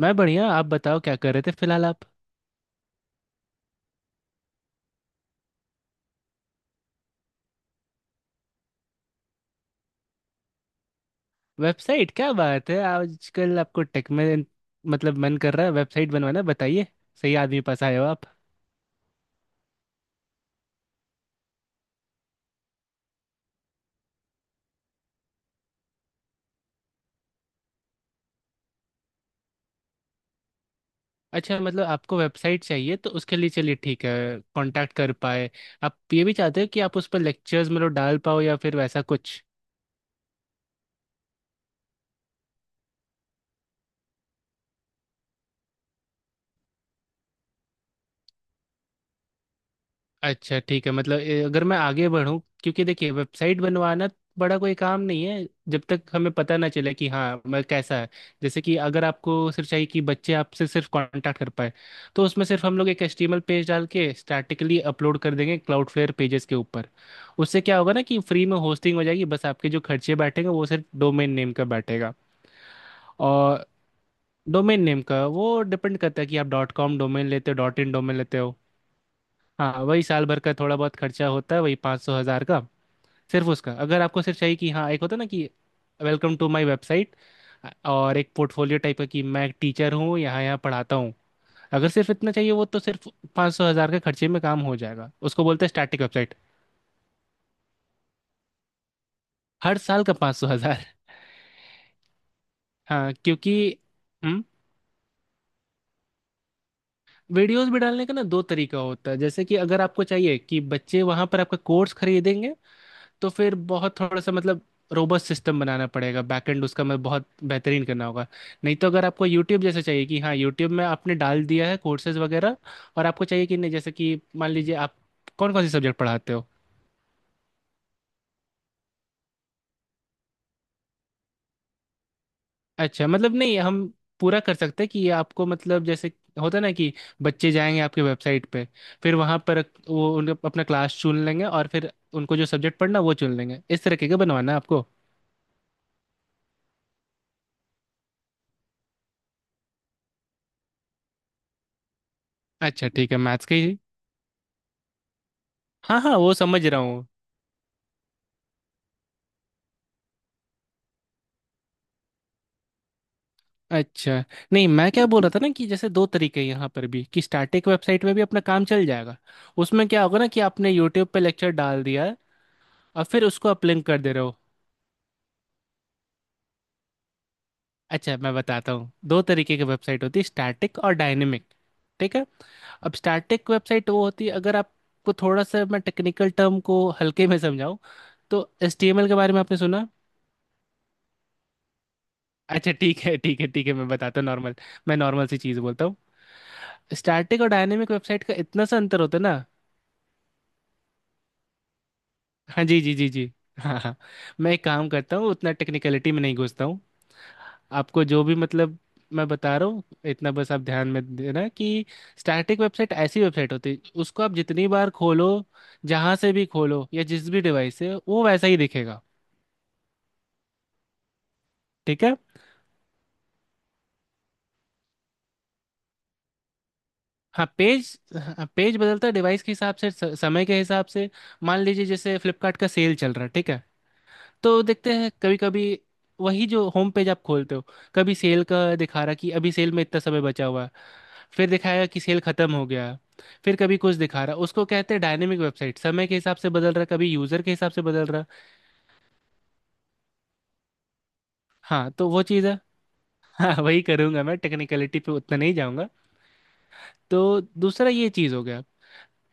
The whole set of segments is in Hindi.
मैं बढ़िया। आप बताओ क्या कर रहे थे फिलहाल आप? वेबसाइट, क्या बात है! आजकल आपको टेक में मन कर रहा है वेबसाइट बनवाना, बताइए। सही आदमी के पास आए हो आप। अच्छा, आपको वेबसाइट चाहिए तो उसके लिए चलिए ठीक है। कांटेक्ट कर पाए। आप ये भी चाहते हो कि आप उस पर लेक्चर्स डाल पाओ या फिर वैसा कुछ? अच्छा ठीक है, अगर मैं आगे बढ़ूं, क्योंकि देखिए वेबसाइट बनवाना बड़ा कोई काम नहीं है जब तक हमें पता ना चले कि हाँ मैं कैसा है। जैसे कि अगर आपको सिर्फ चाहिए कि बच्चे आपसे सिर्फ कांटेक्ट कर पाए, तो उसमें सिर्फ हम लोग एक एचटीएमएल पेज डाल के स्टैटिकली अपलोड कर देंगे क्लाउडफ्लेयर पेजेस के ऊपर। उससे क्या होगा ना कि फ्री में होस्टिंग हो जाएगी, बस आपके जो खर्चे बैठेंगे वो सिर्फ डोमेन नेम का बैठेगा। और डोमेन नेम का वो डिपेंड करता है कि आप डॉट कॉम डोमेन लेते हो डॉट इन डोमेन लेते हो। हाँ, वही साल भर का थोड़ा बहुत खर्चा होता है, वही 500-1000 का। सिर्फ उसका। अगर आपको सिर्फ चाहिए कि हाँ, एक होता ना कि वेलकम टू माय वेबसाइट, और एक पोर्टफोलियो टाइप का कि मैं एक टीचर हूँ, यहाँ यहाँ पढ़ाता हूँ। अगर सिर्फ इतना चाहिए वो, तो सिर्फ 500-1000 के खर्चे में काम हो जाएगा। उसको बोलते हैं स्टैटिक वेबसाइट। हर साल का 500-1000। हाँ, क्योंकि हम्म वीडियोस भी डालने का ना दो तरीका होता है। जैसे कि अगर आपको चाहिए कि बच्चे वहाँ पर आपका कोर्स खरीदेंगे, तो फिर बहुत थोड़ा सा रोबस्ट सिस्टम बनाना पड़ेगा, बैकएंड उसका मैं बहुत बेहतरीन करना होगा। नहीं तो अगर आपको यूट्यूब जैसा चाहिए कि हाँ, यूट्यूब में आपने डाल दिया है कोर्सेज वगैरह, और आपको चाहिए कि नहीं, जैसे कि मान लीजिए आप कौन कौन से सब्जेक्ट पढ़ाते हो? अच्छा, मतलब नहीं हम पूरा कर सकते हैं कि ये आपको, मतलब जैसे होता है ना कि बच्चे जाएंगे आपके वेबसाइट पे, फिर वहाँ पर वो उन अपना क्लास चुन लेंगे, और फिर उनको जो सब्जेक्ट पढ़ना है, वो चुन लेंगे। इस तरीके का बनवाना है आपको? अच्छा ठीक है, मैथ्स का ही। हाँ हाँ, वो समझ रहा हूँ। अच्छा। नहीं, मैं क्या बोल रहा था ना कि जैसे दो तरीके हैं यहाँ पर भी, कि स्टैटिक वेबसाइट में भी अपना काम चल जाएगा। उसमें क्या होगा ना कि आपने यूट्यूब पे लेक्चर डाल दिया है और फिर उसको अपलिंक कर दे रहे हो। अच्छा, मैं बताता हूँ, दो तरीके की वेबसाइट होती है, स्टैटिक और डायनेमिक। ठीक है। अब स्टैटिक वेबसाइट वो होती है, अगर आपको थोड़ा सा मैं टेक्निकल टर्म को हल्के में समझाऊँ तो, एचटीएमएल के बारे में आपने सुना? अच्छा ठीक है, ठीक है, मैं बताता हूँ नॉर्मल। मैं नॉर्मल सी चीज़ बोलता हूँ। स्टैटिक और डायनेमिक वेबसाइट का इतना सा अंतर होता है ना। हाँ जी, जी। हाँ हाँ। मैं एक काम करता हूँ, उतना टेक्निकलिटी में नहीं घुसता हूँ। आपको जो भी मैं बता रहा हूँ, इतना बस आप ध्यान में देना कि स्टैटिक वेबसाइट ऐसी वेबसाइट होती है, उसको आप जितनी बार खोलो, जहाँ से भी खोलो या जिस भी डिवाइस से, वो वैसा ही दिखेगा। ठीक है। पेज बदलता है डिवाइस के हिसाब से, समय के हिसाब से। मान लीजिए जैसे फ्लिपकार्ट का सेल चल रहा है, ठीक है। तो देखते हैं कभी कभी, वही जो होम पेज आप खोलते हो, कभी सेल का दिखा रहा कि अभी सेल में इतना समय बचा हुआ है, फिर दिखाया कि सेल खत्म हो गया, फिर कभी कुछ दिखा रहा। उसको कहते हैं डायनेमिक वेबसाइट, समय के हिसाब से बदल रहा, कभी यूजर के हिसाब से बदल रहा। हाँ तो वो चीज़ है। हाँ, वही करूंगा मैं, टेक्निकलिटी पे उतना नहीं जाऊंगा। तो दूसरा ये चीज़ हो गया।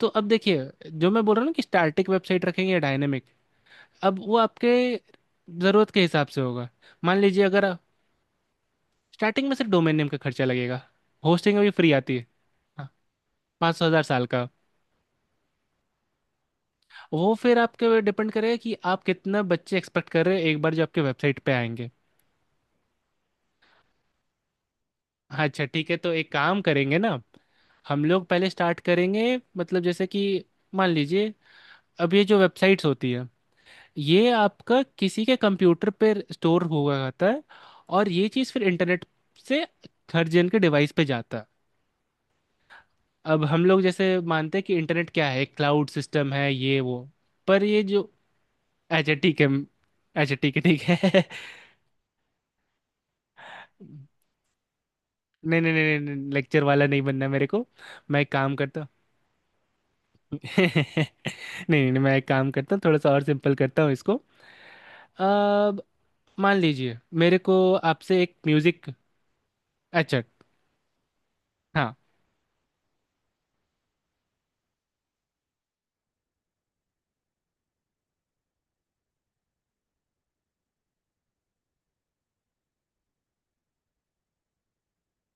तो अब देखिए, जो मैं बोल रहा हूँ ना कि स्टैटिक वेबसाइट रखेंगे या डायनेमिक, अब वो आपके ज़रूरत के हिसाब से होगा। मान लीजिए, अगर स्टार्टिंग में सिर्फ डोमेन नेम का खर्चा लगेगा, होस्टिंग अभी फ्री आती है। हाँ, पाँच सौ हज़ार साल का। वो फिर आपके डिपेंड करेगा कि आप कितना बच्चे एक्सपेक्ट कर रहे हैं एक बार जो आपके वेबसाइट पे आएंगे। हाँ, अच्छा ठीक है, तो एक काम करेंगे ना, हम लोग पहले स्टार्ट करेंगे। जैसे कि मान लीजिए, अब ये जो वेबसाइट्स होती है, ये आपका किसी के कंप्यूटर पे स्टोर हुआ रहता है, और ये चीज़ फिर इंटरनेट से हर जन के डिवाइस पे जाता है। अब हम लोग जैसे मानते हैं कि इंटरनेट क्या है, क्लाउड सिस्टम है, ये वो। पर ये जो अच्छा ठीक है। अच्छा ठीक है, ठीक है। नहीं नहीं, लेक्चर वाला नहीं बनना मेरे को। मैं एक काम करता हूँ। नहीं नहीं नहीं, मैं एक काम करता हूँ, थोड़ा सा और सिंपल करता हूँ इसको। अब मान लीजिए मेरे को आपसे एक म्यूजिक। अच्छा, हाँ।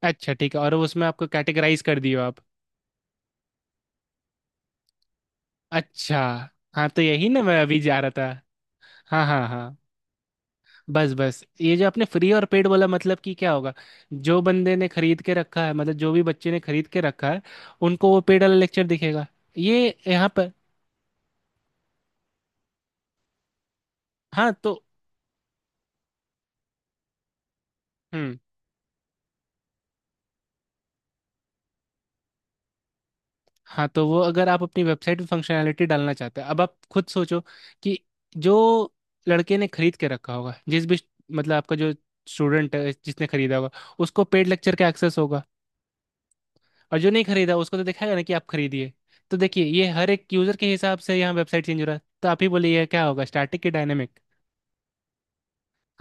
अच्छा ठीक है, और उसमें आपको कैटेगराइज कर दियो आप। अच्छा, हाँ तो यही ना मैं अभी जा रहा था। हाँ हाँ हाँ, बस बस ये जो आपने फ्री और पेड बोला, मतलब कि क्या होगा, जो बंदे ने खरीद के रखा है, मतलब जो भी बच्चे ने खरीद के रखा है, उनको वो पेड वाला लेक्चर दिखेगा। ये यहाँ पर हाँ तो हम्म। हाँ तो वो, अगर आप अपनी वेबसाइट पे फंक्शनैलिटी डालना चाहते हैं, अब आप खुद सोचो कि जो लड़के ने खरीद के रखा होगा, जिस भी, मतलब आपका जो स्टूडेंट है जिसने खरीदा होगा, उसको पेड लेक्चर का एक्सेस होगा। और जो नहीं खरीदा उसको तो दिखाएगा ना कि आप खरीदिए। तो देखिए ये हर एक यूजर के हिसाब से यहाँ वेबसाइट चेंज हो रहा है। तो आप ही बोलिए ये क्या होगा, स्टैटिक की डायनेमिक?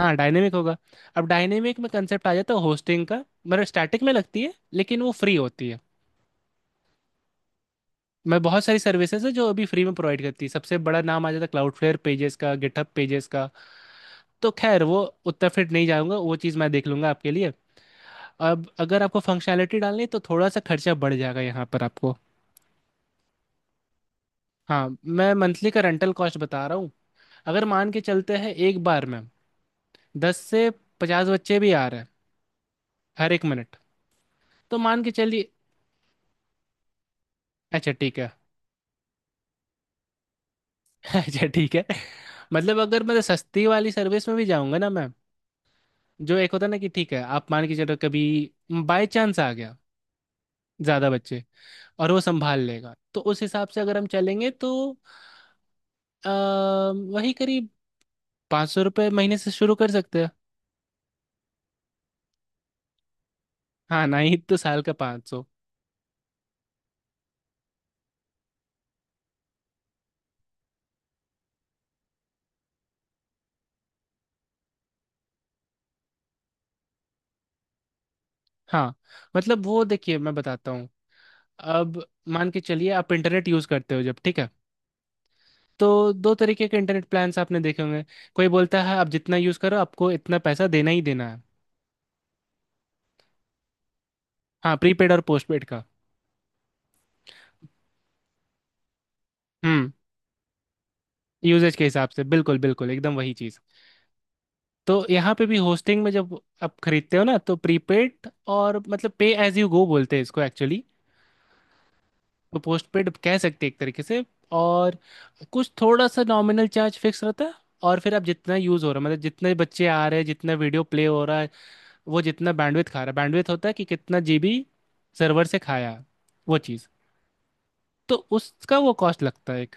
हाँ, डायनेमिक होगा। अब डायनेमिक में कंसेप्ट आ जाता है होस्टिंग का। मतलब स्टैटिक में लगती है, लेकिन वो फ्री होती है। मैं, बहुत सारी सर्विसेज है जो अभी फ्री में प्रोवाइड करती है, सबसे बड़ा नाम आ जाता है क्लाउडफ्लेयर पेजेस का, गिटहब पेजेस का। तो खैर वो उतना फिर नहीं जाऊंगा, वो चीज़ मैं देख लूंगा आपके लिए। अब अगर आपको फंक्शनैलिटी डालनी है, तो थोड़ा सा खर्चा बढ़ जाएगा यहाँ पर आपको। हाँ, मैं मंथली का रेंटल कॉस्ट बता रहा हूँ। अगर मान के चलते हैं एक बार में 10 से 50 बच्चे भी आ रहे हैं हर एक मिनट, तो मान के चलिए। अच्छा ठीक है। अच्छा ठीक है, मतलब अगर मैं सस्ती वाली सर्विस में भी जाऊंगा ना मैं, जो एक होता है ना कि ठीक है, आप मान के चलो कभी बाय चांस आ गया ज़्यादा बच्चे, और वो संभाल लेगा, तो उस हिसाब से अगर हम चलेंगे तो अ, वही करीब 500 रुपये महीने से शुरू कर सकते हैं। हाँ, नहीं तो साल का पाँच सौ। हाँ वो देखिए, मैं बताता हूँ। अब मान के चलिए आप इंटरनेट यूज करते हो जब, ठीक है। तो दो तरीके के इंटरनेट प्लान्स आपने देखे होंगे। कोई बोलता है आप जितना यूज करो आपको इतना पैसा देना ही देना है। हाँ, प्रीपेड और पोस्टपेड का। हम्म। यूजेज के हिसाब से, बिल्कुल बिल्कुल एकदम वही चीज। तो यहाँ पे भी होस्टिंग में जब आप खरीदते हो ना, तो प्रीपेड, और मतलब पे एज यू गो बोलते हैं इसको एक्चुअली। तो पोस्टपेड कह सकते हैं एक तरीके से। और कुछ थोड़ा सा नॉमिनल चार्ज फिक्स रहता है, और फिर आप जितना यूज़ हो रहा है, मतलब जितने बच्चे आ रहे हैं, जितना वीडियो प्ले हो रहा है, वो जितना बैंडविड्थ खा रहा है, बैंडविड्थ होता है कि कितना जीबी सर्वर से खाया, वो चीज़। तो उसका वो कॉस्ट लगता है एक।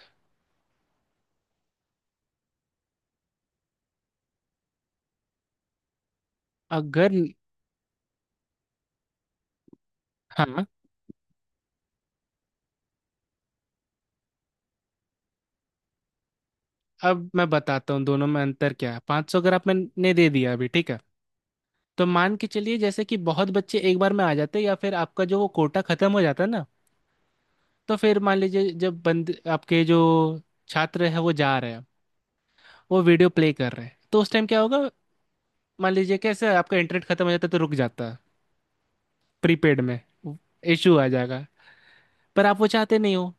अगर हाँ, अब मैं बताता हूँ दोनों में अंतर क्या है। 500 अगर आपने दे दिया अभी, ठीक है, तो मान के चलिए जैसे कि बहुत बच्चे एक बार में आ जाते हैं या फिर आपका जो वो कोटा खत्म हो जाता है ना, तो फिर मान लीजिए जब बंद आपके जो छात्र है वो जा रहे हैं, वो वीडियो प्ले कर रहे हैं, तो उस टाइम क्या होगा? मान लीजिए कैसे आपका इंटरनेट खत्म हो जाता है तो रुक जाता है। प्रीपेड में इशू आ जाएगा। पर आप वो चाहते नहीं हो।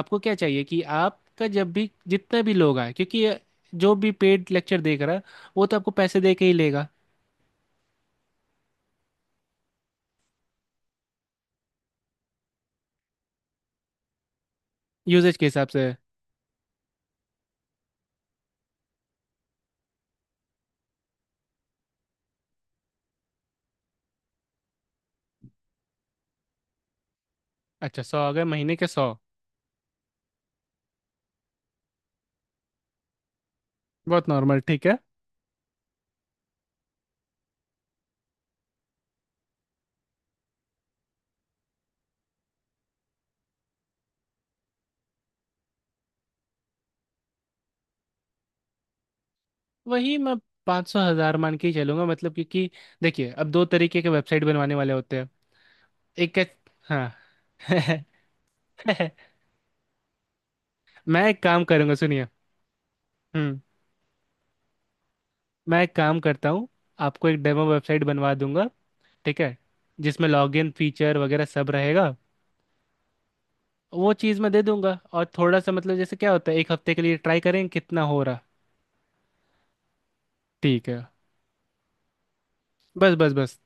आपको क्या चाहिए कि आपका जब भी जितने भी लोग आए, क्योंकि ये जो भी पेड लेक्चर देख रहा है, वो तो आपको पैसे दे के ही लेगा। यूजेज के हिसाब से। अच्छा, सौ आ गए महीने के 100। बहुत नॉर्मल, ठीक है। वही मैं 500-1000 मान के ही चलूंगा, क्योंकि देखिए, अब दो तरीके के वेबसाइट बनवाने वाले होते हैं। एक है। हाँ। मैं एक काम करूंगा, सुनिए। हम्म। मैं एक काम करता हूँ, आपको एक डेमो वेबसाइट बनवा दूंगा, ठीक है। जिसमें लॉगिन फीचर वगैरह सब रहेगा, वो चीज़ मैं दे दूंगा। और थोड़ा सा जैसे क्या होता है, एक हफ्ते के लिए ट्राई करेंगे कितना हो रहा। ठीक है। बस बस बस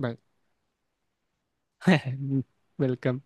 बाय। वेलकम।